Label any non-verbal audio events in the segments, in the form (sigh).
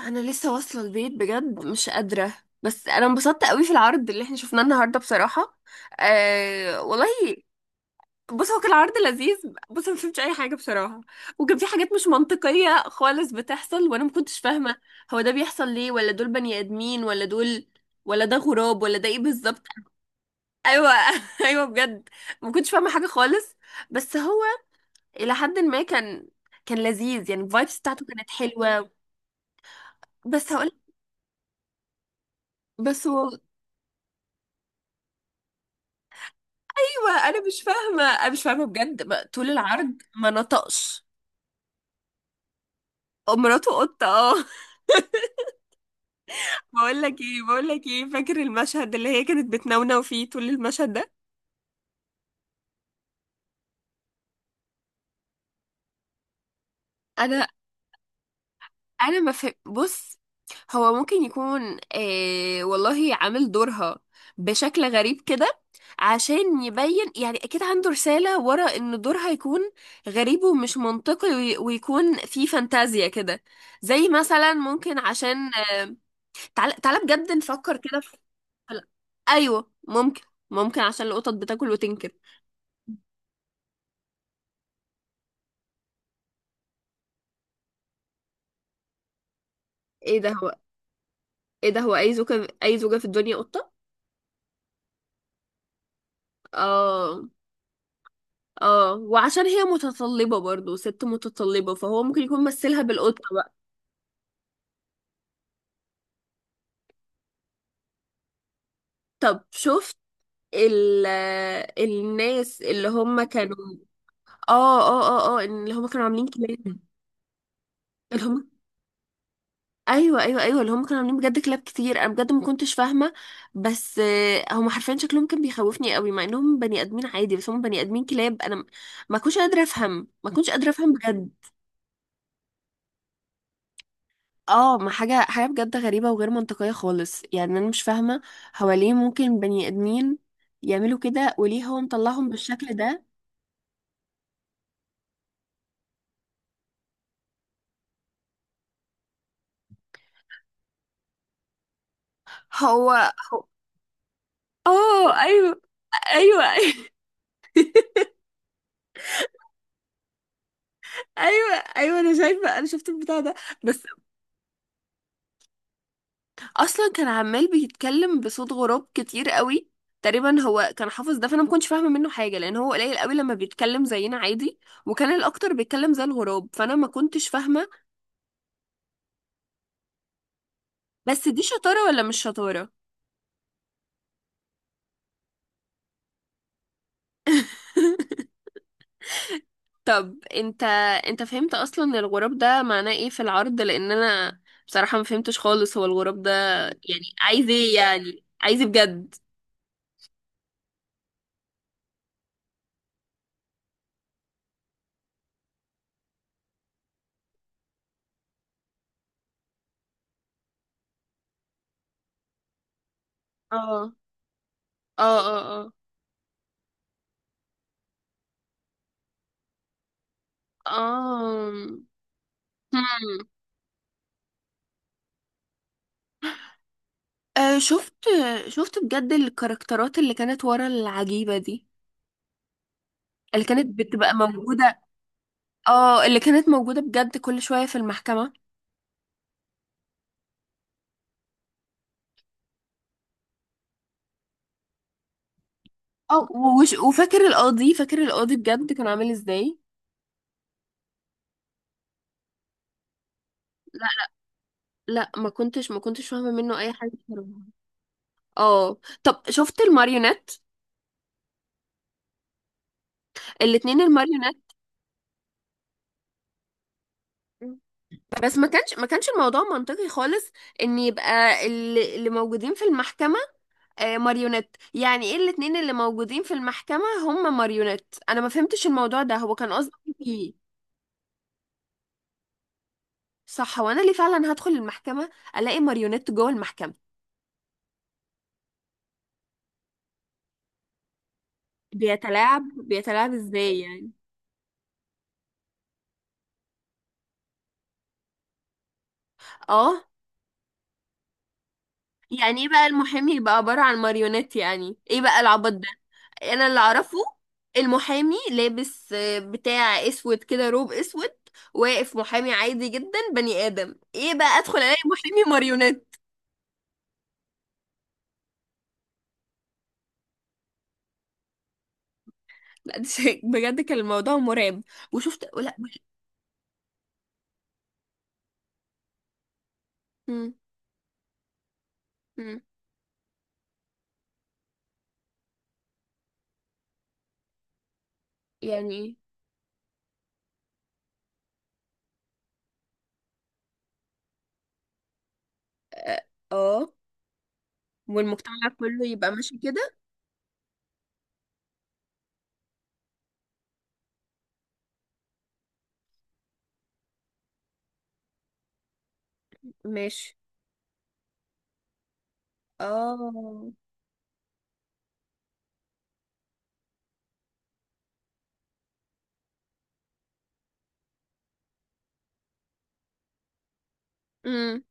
انا لسه واصله البيت بجد، مش قادره. بس انا انبسطت قوي في العرض اللي احنا شفناه النهارده بصراحه. أه والله. بص، هو كان عرض لذيذ. بص، أنا ما فهمتش اي حاجه بصراحه. وكان في حاجات مش منطقيه خالص بتحصل وانا ما كنتش فاهمه. هو ده بيحصل ليه؟ ولا دول بني ادمين، ولا دول ولا ده غراب، ولا ده ايه بالظبط؟ ايوه. (laughs) ايوه بجد. ما كنتش فاهمه حاجه خالص. بس هو الى حد ما كان لذيذ، يعني الفايبس بتاعته كانت حلوه. بس هقول. بس، ما انا مش فاهمه بجد، ما طول العرض ما نطقش. مراته قطه، اه. (laughs) بقول لك ايه، فاكر المشهد اللي هي كانت بتنونو فيه طول المشهد ده؟ انا انا ما فهم، بص. هو ممكن يكون، والله، عامل دورها بشكل غريب كده، عشان يبين. يعني اكيد عنده رسالة ورا ان دورها يكون غريب ومش منطقي ويكون فيه فانتازيا كده. زي مثلا ممكن عشان. تعال تعال بجد نفكر كده. هلا. ايوه ممكن. ممكن عشان القطط بتاكل وتنكر. ايه ده هو. ايه ده هو، اي زوجة في الدنيا قطة. اه. اه، وعشان هي متطلبة برضو، ست متطلبة، فهو ممكن يكون مثلها بالقطة بقى. طب شفت ال الناس اللي هم كانوا. اه. اه اه اه اللي هم كانوا عاملين كلاب. اللي هم، ايوه ايوه ايوه اللي هم كانوا عاملين بجد كلاب كتير. انا بجد ما كنتش فاهمه. بس، هم حرفيا شكلهم كان بيخوفني قوي، مع انهم بني ادمين عادي. بس هم بني ادمين كلاب. انا ما كنتش قادره افهم بجد. اه، ما حاجه حاجه بجد غريبه وغير منطقيه خالص، يعني انا مش فاهمه. هو ليه ممكن بني ادمين يعملوا كده؟ وليه هو مطلعهم بالشكل ده؟ هو هو- اه ايوه. ايوه. (laughs) ايوه ايوه انا شايفه، انا شفت البتاع ده. بس. اصلا كان عمال بيتكلم بصوت غراب كتير قوي، تقريبا هو كان حافظ ده، فانا ما كنتش فاهمه منه حاجه، لان هو قليل قوي لما بيتكلم زينا عادي. وكان الاكتر بيتكلم زي الغراب، فانا ما كنتش فاهمه. بس دي شطاره ولا مش شطاره؟ طب انت. فهمت اصلا الغراب ده معناه ايه في العرض؟ لان انا بصراحه ما فهمتش خالص هو الغراب ده يعني عايز ايه، يعني عايز إيه بجد؟ اه. اه اه اه آه. هم. آه شفت. شفت بجد الكاركترات اللي كانت ورا العجيبة دي، اللي كانت بتبقى موجودة. اه، اللي كانت موجودة بجد كل شوية في المحكمة. اه، وفاكر القاضي بجد كان عامل ازاي؟ لا. لا، ما كنتش فاهمة منه اي حاجة بصراحة. اه. طب شفت الماريونات، الاتنين الماريونات. بس ما كانش الموضوع منطقي خالص، ان يبقى اللي موجودين في المحكمة، ماريونيت. يعني ايه الاتنين اللي موجودين في المحكمة هم ماريونيت؟ انا ما فهمتش الموضوع ده، هو كان قصده ايه؟ صح. هو انا ليه فعلا هدخل المحكمة الاقي ماريونيت جوه المحكمة؟ بيتلاعب ازاي يعني؟ اه. يعني ايه بقى المحامي يبقى عبارة عن ماريونيت؟ يعني ايه بقى العبط ده؟ انا اللي اعرفه المحامي لابس، بتاع اسود كده، روب اسود، واقف محامي عادي جدا، بني ادم. ايه بقى، ادخل الاقي محامي ماريونيت؟ (laughs) بجد كان الموضوع مرعب. وشفت، لا مش... مم. مم. يعني. اه. آه. والمجتمع كله يبقى ماشي كده. ماشي. اه. مم.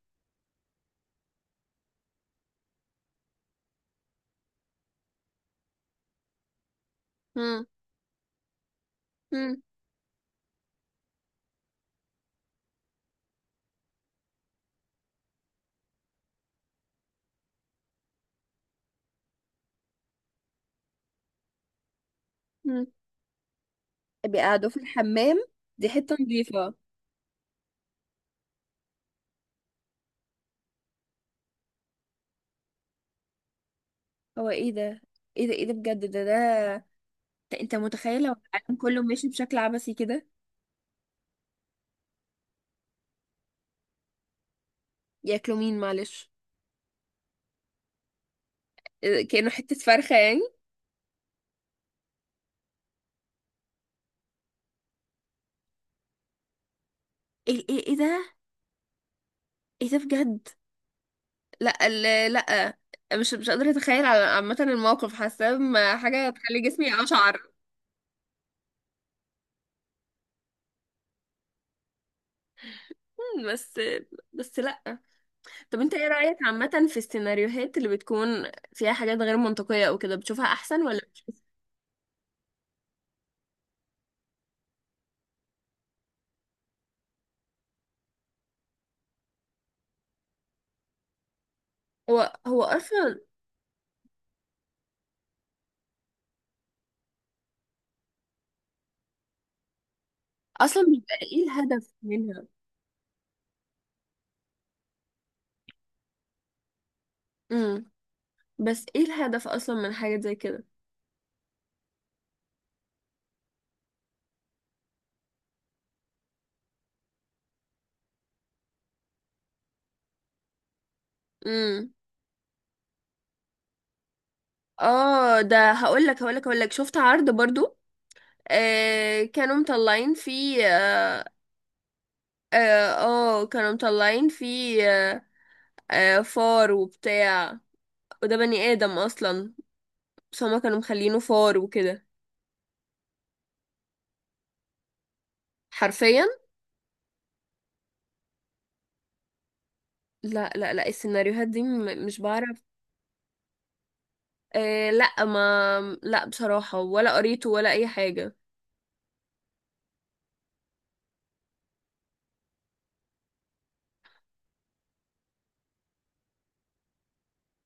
مم. مم. مم. بيقعدوا في الحمام، دي حتة نظيفة. هو ايه ده؟ ايه ده بجد، ده؟ انت متخيل لو العالم كله ماشي بشكل عبثي كده؟ ياكلوا مين معلش؟ ده؟ كأنه حتة فرخة يعني؟ ايه ايه ايه ده؟ ايه ده بجد؟ لا لا، مش قادرة اتخيل عامة. الموقف حاسة ما حاجة تخلي جسمي اشعر. مم، بس. بس لا. طب انت ايه رأيك عامة في السيناريوهات اللي بتكون فيها حاجات غير منطقية او كده؟ بتشوفها احسن ولا بتشوف؟ هو اصلا، اصلا بيبقى ايه الهدف منها؟ امم بس ايه الهدف اصلا من حاجة زي كده؟ امم اه، ده هقول لك هقول لك، شفت عرض برضو. آه كانوا مطلعين فيه، كانوا مطلعين فيه فار وبتاع. وده بني آدم أصلا، بس هما كانوا مخلينه فار وكده. حرفيا. لا لا لا، السيناريوهات دي مش بعرف. لا، ما لا بصراحة، ولا قريته ولا أي حاجة.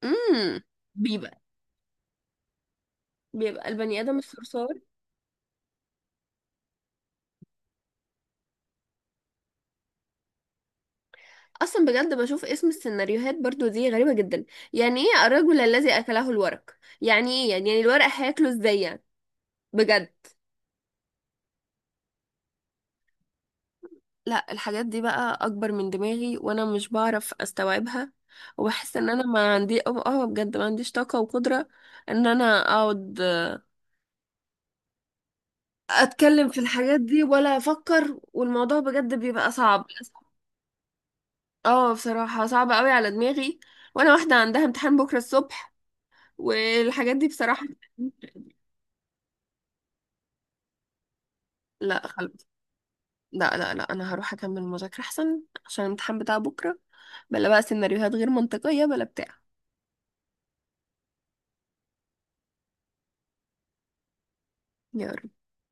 امم بيبقى بيبقى البني آدم الصرصار. أصلا بجد بشوف اسم السيناريوهات برضو دي غريبة جدا. يعني إيه الرجل الذي أكله الورق؟ يعني إيه، يعني الورق هياكله إزاي يعني؟ بجد. لا، الحاجات دي بقى اكبر من دماغي، وانا مش بعرف استوعبها. وبحس ان انا ما عندي، بجد، ما عنديش طاقة وقدرة ان انا اقعد اتكلم في الحاجات دي ولا افكر، والموضوع بجد بيبقى صعب. اه، بصراحة صعب قوي على دماغي، وانا واحدة عندها امتحان بكرة الصبح، والحاجات دي بصراحة. لا خلاص. لا لا لا، انا هروح اكمل المذاكرة احسن عشان الامتحان بتاع بكرة. بلا بقى سيناريوهات غير منطقية، بلا بتاع. يلا.